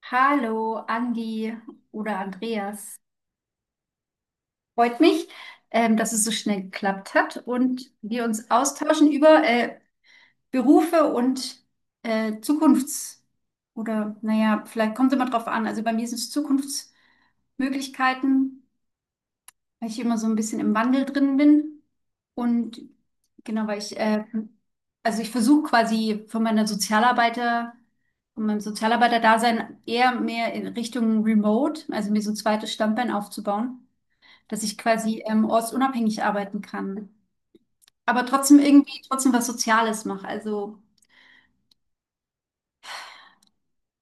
Hallo, Andi oder Andreas. Freut mich, dass es so schnell geklappt hat und wir uns austauschen über Berufe und Zukunfts- oder naja, vielleicht kommt es immer drauf an. Also bei mir sind es Zukunftsmöglichkeiten, weil ich immer so ein bisschen im Wandel drin bin. Und genau, weil also ich versuche quasi von meinem Sozialarbeiter-Dasein eher mehr in Richtung Remote, also mir so ein zweites Standbein aufzubauen, dass ich quasi ortsunabhängig arbeiten kann. Aber trotzdem irgendwie trotzdem was Soziales mache. Also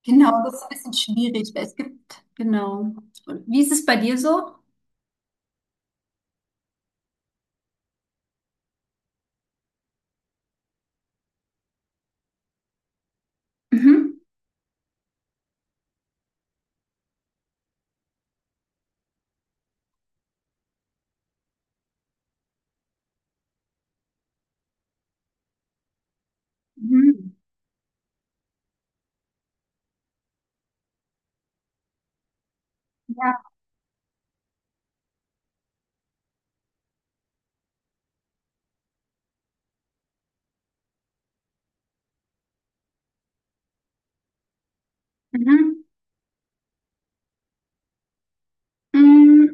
genau, das ist ein bisschen schwierig, weil es gibt, genau. Und wie ist es bei dir so? Mhm. Mhm. Ja. Mhm. Mm,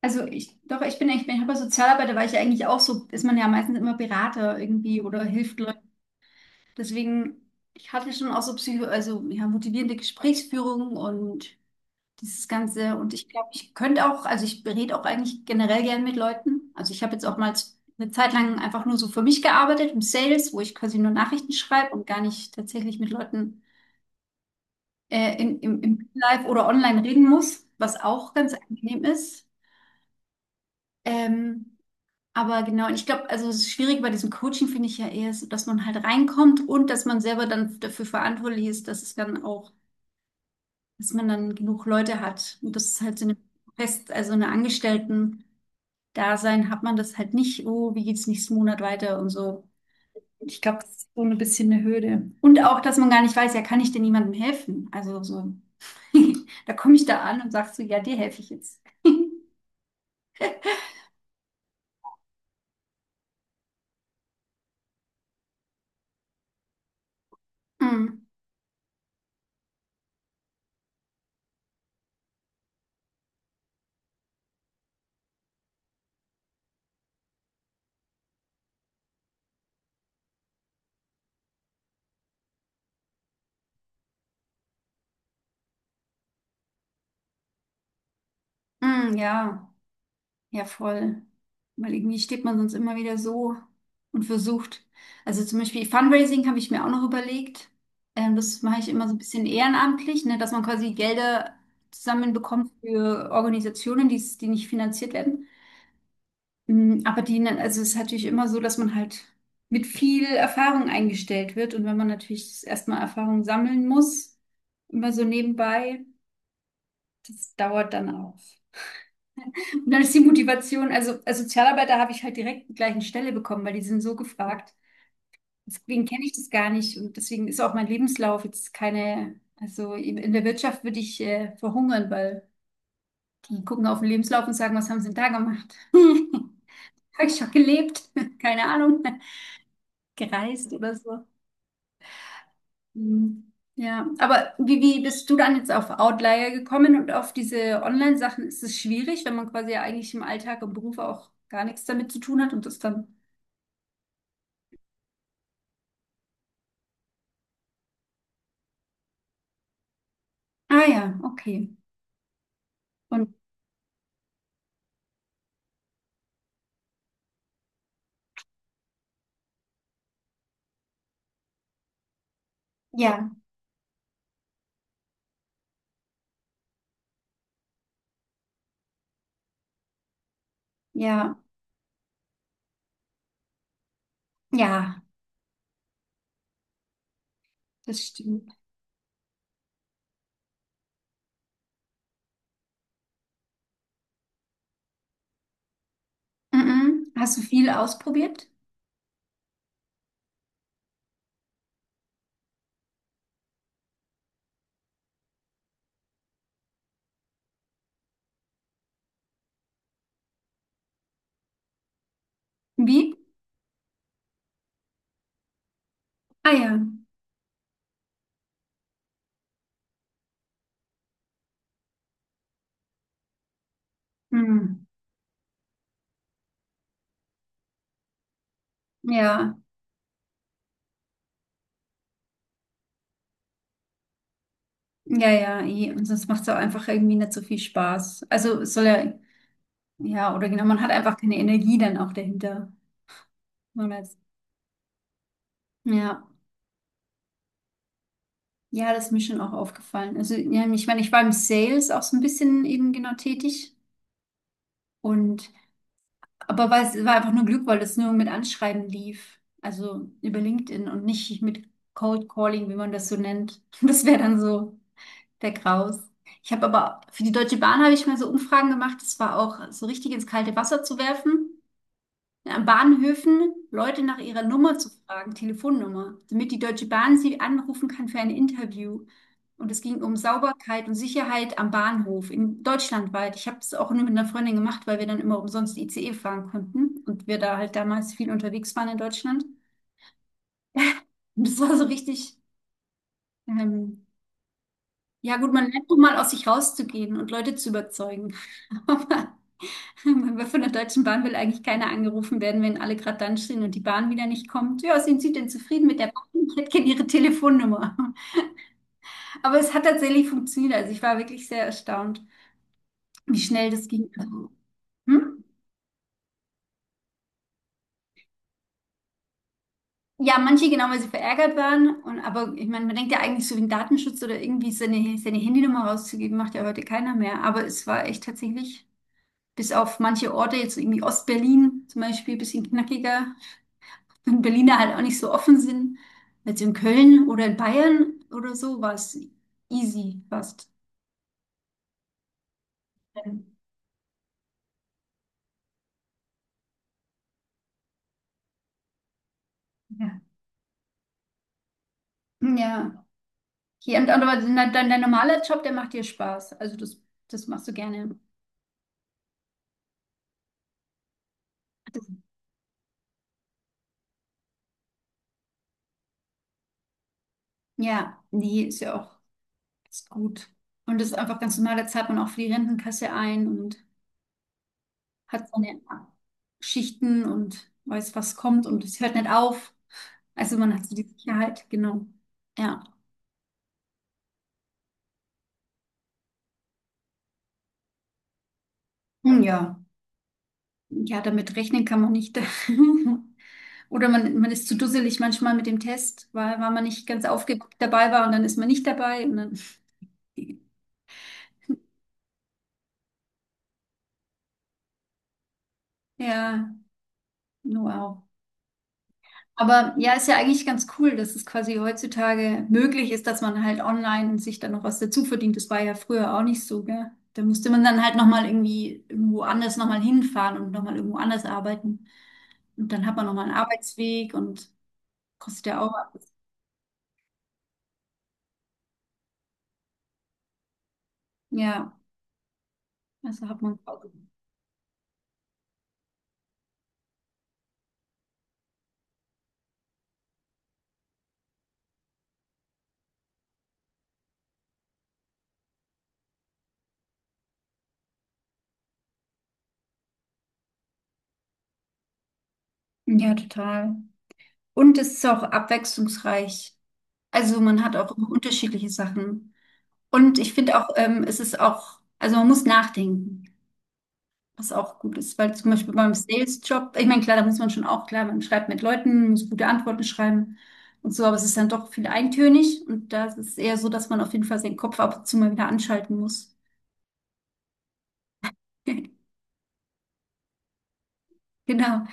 also ich, doch, ich bin, ich bin, ich habe Sozialarbeiter, weil ich ja eigentlich auch so, ist man ja meistens immer Berater irgendwie oder hilft Leuten. Deswegen, ich hatte schon auch so Psycho, also ja, motivierende Gesprächsführung und dieses Ganze. Und ich glaube, ich könnte auch, also ich berate auch eigentlich generell gern mit Leuten. Also ich habe jetzt auch mal eine Zeit lang einfach nur so für mich gearbeitet im Sales, wo ich quasi nur Nachrichten schreibe und gar nicht tatsächlich mit Leuten im Live oder online reden muss, was auch ganz angenehm ist. Ähm, Aber genau, und ich glaube, also es ist schwierig bei diesem Coaching, finde ich ja eher, ist, dass man halt reinkommt und dass man selber dann dafür verantwortlich ist, dass es dann auch, dass man dann genug Leute hat. Und das ist halt so eine also eine Angestellten-Dasein hat man das halt nicht, oh, wie geht's nächsten Monat weiter und so. Und ich glaube, das ist so ein bisschen eine Hürde. Und auch, dass man gar nicht weiß, ja, kann ich denn jemandem helfen? Also so, da komme ich da an und sag so, ja, dir helfe ich jetzt. Mm, mm, ja. Ja, voll. Weil irgendwie steht man sonst immer wieder so und versucht. Also zum Beispiel Fundraising habe ich mir auch noch überlegt. Das mache ich immer so ein bisschen ehrenamtlich, ne, dass man quasi Gelder zusammenbekommt für Organisationen, die nicht finanziert werden. Mm, aber also es ist natürlich immer so, dass man halt mit viel Erfahrung eingestellt wird. Und wenn man natürlich erstmal Erfahrung sammeln muss, immer so nebenbei, das dauert dann auch. Und dann ist die Motivation, also als Sozialarbeiter habe ich halt direkt die gleichen Stelle bekommen, weil die sind so gefragt. Deswegen kenne ich das gar nicht, und deswegen ist auch mein Lebenslauf jetzt keine, also in der Wirtschaft würde ich verhungern, weil die gucken auf den Lebenslauf und sagen, was haben sie denn da gemacht? Habe ich schon gelebt? Keine Ahnung, gereist oder so. Mhm. Ja, aber wie bist du dann jetzt auf Outlier gekommen und auf diese Online-Sachen? Ist es schwierig, wenn man quasi ja eigentlich im Alltag, im Beruf auch gar nichts damit zu tun hat und das dann Ah ja, okay. Und ja, ja, ja, das stimmt. Mhm. Hast du viel ausprobiert? Wie? Ah ja. Mhm. Ja, ja, ja. Eh. Und sonst macht es auch einfach irgendwie nicht so viel Spaß. Also es soll ja, ja, oder genau, man hat einfach keine Energie dann auch dahinter. Man als- ja, ja, das ist mir schon auch aufgefallen. Also ja, ich meine, ich war im Sales auch so ein bisschen eben genau tätig. Und aber weil es war einfach nur Glück, weil das nur mit Anschreiben lief. Also über LinkedIn und nicht mit Cold Calling, wie man das so nennt. Das wäre dann so der Graus. Ich habe aber für die Deutsche Bahn habe ich mal so Umfragen gemacht. Das war auch so richtig ins kalte Wasser zu werfen, an Bahnhöfen Leute nach ihrer Nummer zu fragen, Telefonnummer, damit die Deutsche Bahn sie anrufen kann für ein Interview. Und es ging um Sauberkeit und Sicherheit am Bahnhof in deutschlandweit. Ich habe es auch nur mit einer Freundin gemacht, weil wir dann immer umsonst ICE fahren konnten und wir da halt damals viel unterwegs waren in Deutschland. Und das war so richtig, ähm, ja gut, man lernt doch mal aus sich rauszugehen und Leute zu überzeugen. Aber von der Deutschen Bahn will eigentlich keiner angerufen werden, wenn alle gerade dann stehen und die Bahn wieder nicht kommt. Ja, sind Sie denn zufrieden mit der Bahn? Ich hätte gerne Ihre Telefonnummer. Aber es hat tatsächlich funktioniert. Also ich war wirklich sehr erstaunt, wie schnell das ging. Also, hm? Ja, manche genau, weil sie verärgert waren. Und, aber ich meine, man denkt ja eigentlich so wegen Datenschutz oder irgendwie seine Handynummer rauszugeben, macht ja heute keiner mehr. Aber es war echt tatsächlich, bis auf manche Orte, jetzt so irgendwie Ostberlin zum Beispiel, ein bisschen knackiger, wenn Berliner halt auch nicht so offen sind, als in Köln oder in Bayern oder so, war es easy fast. Ja. Ja. Hier, und aber dein normaler Job, der macht dir Spaß. Also das, das machst du gerne. Das, ja, nee, ist ja auch ist gut. Und das ist einfach ganz normal, da zahlt man auch für die Rentenkasse ein und hat seine Schichten und weiß, was kommt und es hört nicht auf. Also man hat so die Sicherheit, genau. Ja. Ja. Ja, damit rechnen kann man nicht. Oder man ist zu dusselig manchmal mit dem Test, weil man nicht ganz aufgeguckt dabei war und dann ist man nicht dabei. Und dann, ja, wow. Aber ja, ist ja eigentlich ganz cool, dass es quasi heutzutage möglich ist, dass man halt online sich dann noch was dazu verdient. Das war ja früher auch nicht so, gell? Da musste man dann halt nochmal irgendwie irgendwo anders nochmal hinfahren und nochmal irgendwo anders arbeiten. Und dann hat man nochmal einen Arbeitsweg und kostet ja auch was. Ja, also hat man. Ja, total. Und es ist auch abwechslungsreich. Also man hat auch immer unterschiedliche Sachen. Und ich finde auch, es ist auch, also man muss nachdenken, was auch gut ist, weil zum Beispiel beim Sales-Job, ich meine, klar, da muss man schon auch, klar, man schreibt mit Leuten, muss gute Antworten schreiben und so, aber es ist dann doch viel eintönig und da ist es eher so, dass man auf jeden Fall seinen Kopf ab und zu mal wieder anschalten muss. Genau.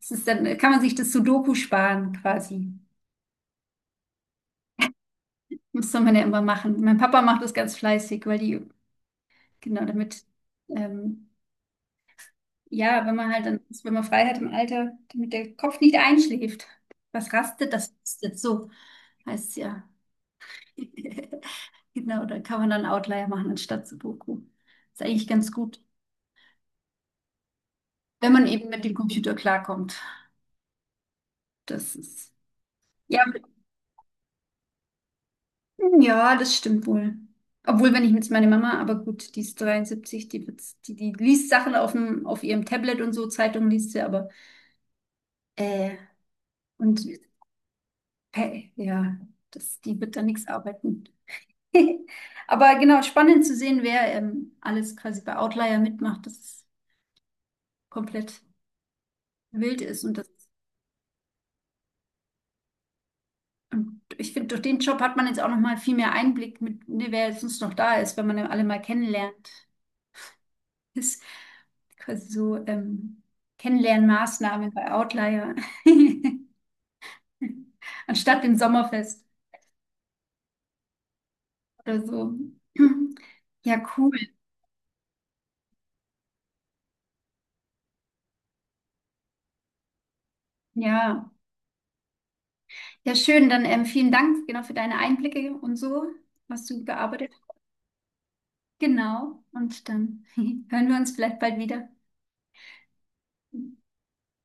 Es ist dann, kann man sich das Sudoku sparen quasi. Das soll man ja immer machen. Mein Papa macht das ganz fleißig, weil die genau, damit, ähm, ja, wenn man halt dann, wenn man frei hat im Alter, damit der Kopf nicht einschläft. Was rastet, das rastet so, heißt es ja. Genau, da kann man dann Outlier machen anstatt Sudoku. Ist eigentlich ganz gut, wenn man eben mit dem Computer klarkommt. Das ist, ja, ja, das stimmt wohl. Obwohl, wenn ich jetzt meine Mama, aber gut, die ist 73, die liest Sachen auf dem, auf ihrem Tablet und so, Zeitungen liest sie, aber, äh, und hey, ja, das, die wird da nichts arbeiten. Aber genau, spannend zu sehen, wer alles quasi bei Outlier mitmacht, dass es komplett wild ist. Und, das, und ich finde, durch den Job hat man jetzt auch noch mal viel mehr Einblick mit, ne, wer sonst noch da ist, wenn man alle mal kennenlernt. Ist quasi so Kennenlernmaßnahmen bei Outlier. Anstatt dem Sommerfest oder so. Ja, cool. Ja. Ja, schön. Dann vielen Dank genau für deine Einblicke und so, was du gearbeitet hast. Genau. Und dann hören wir uns vielleicht bald wieder.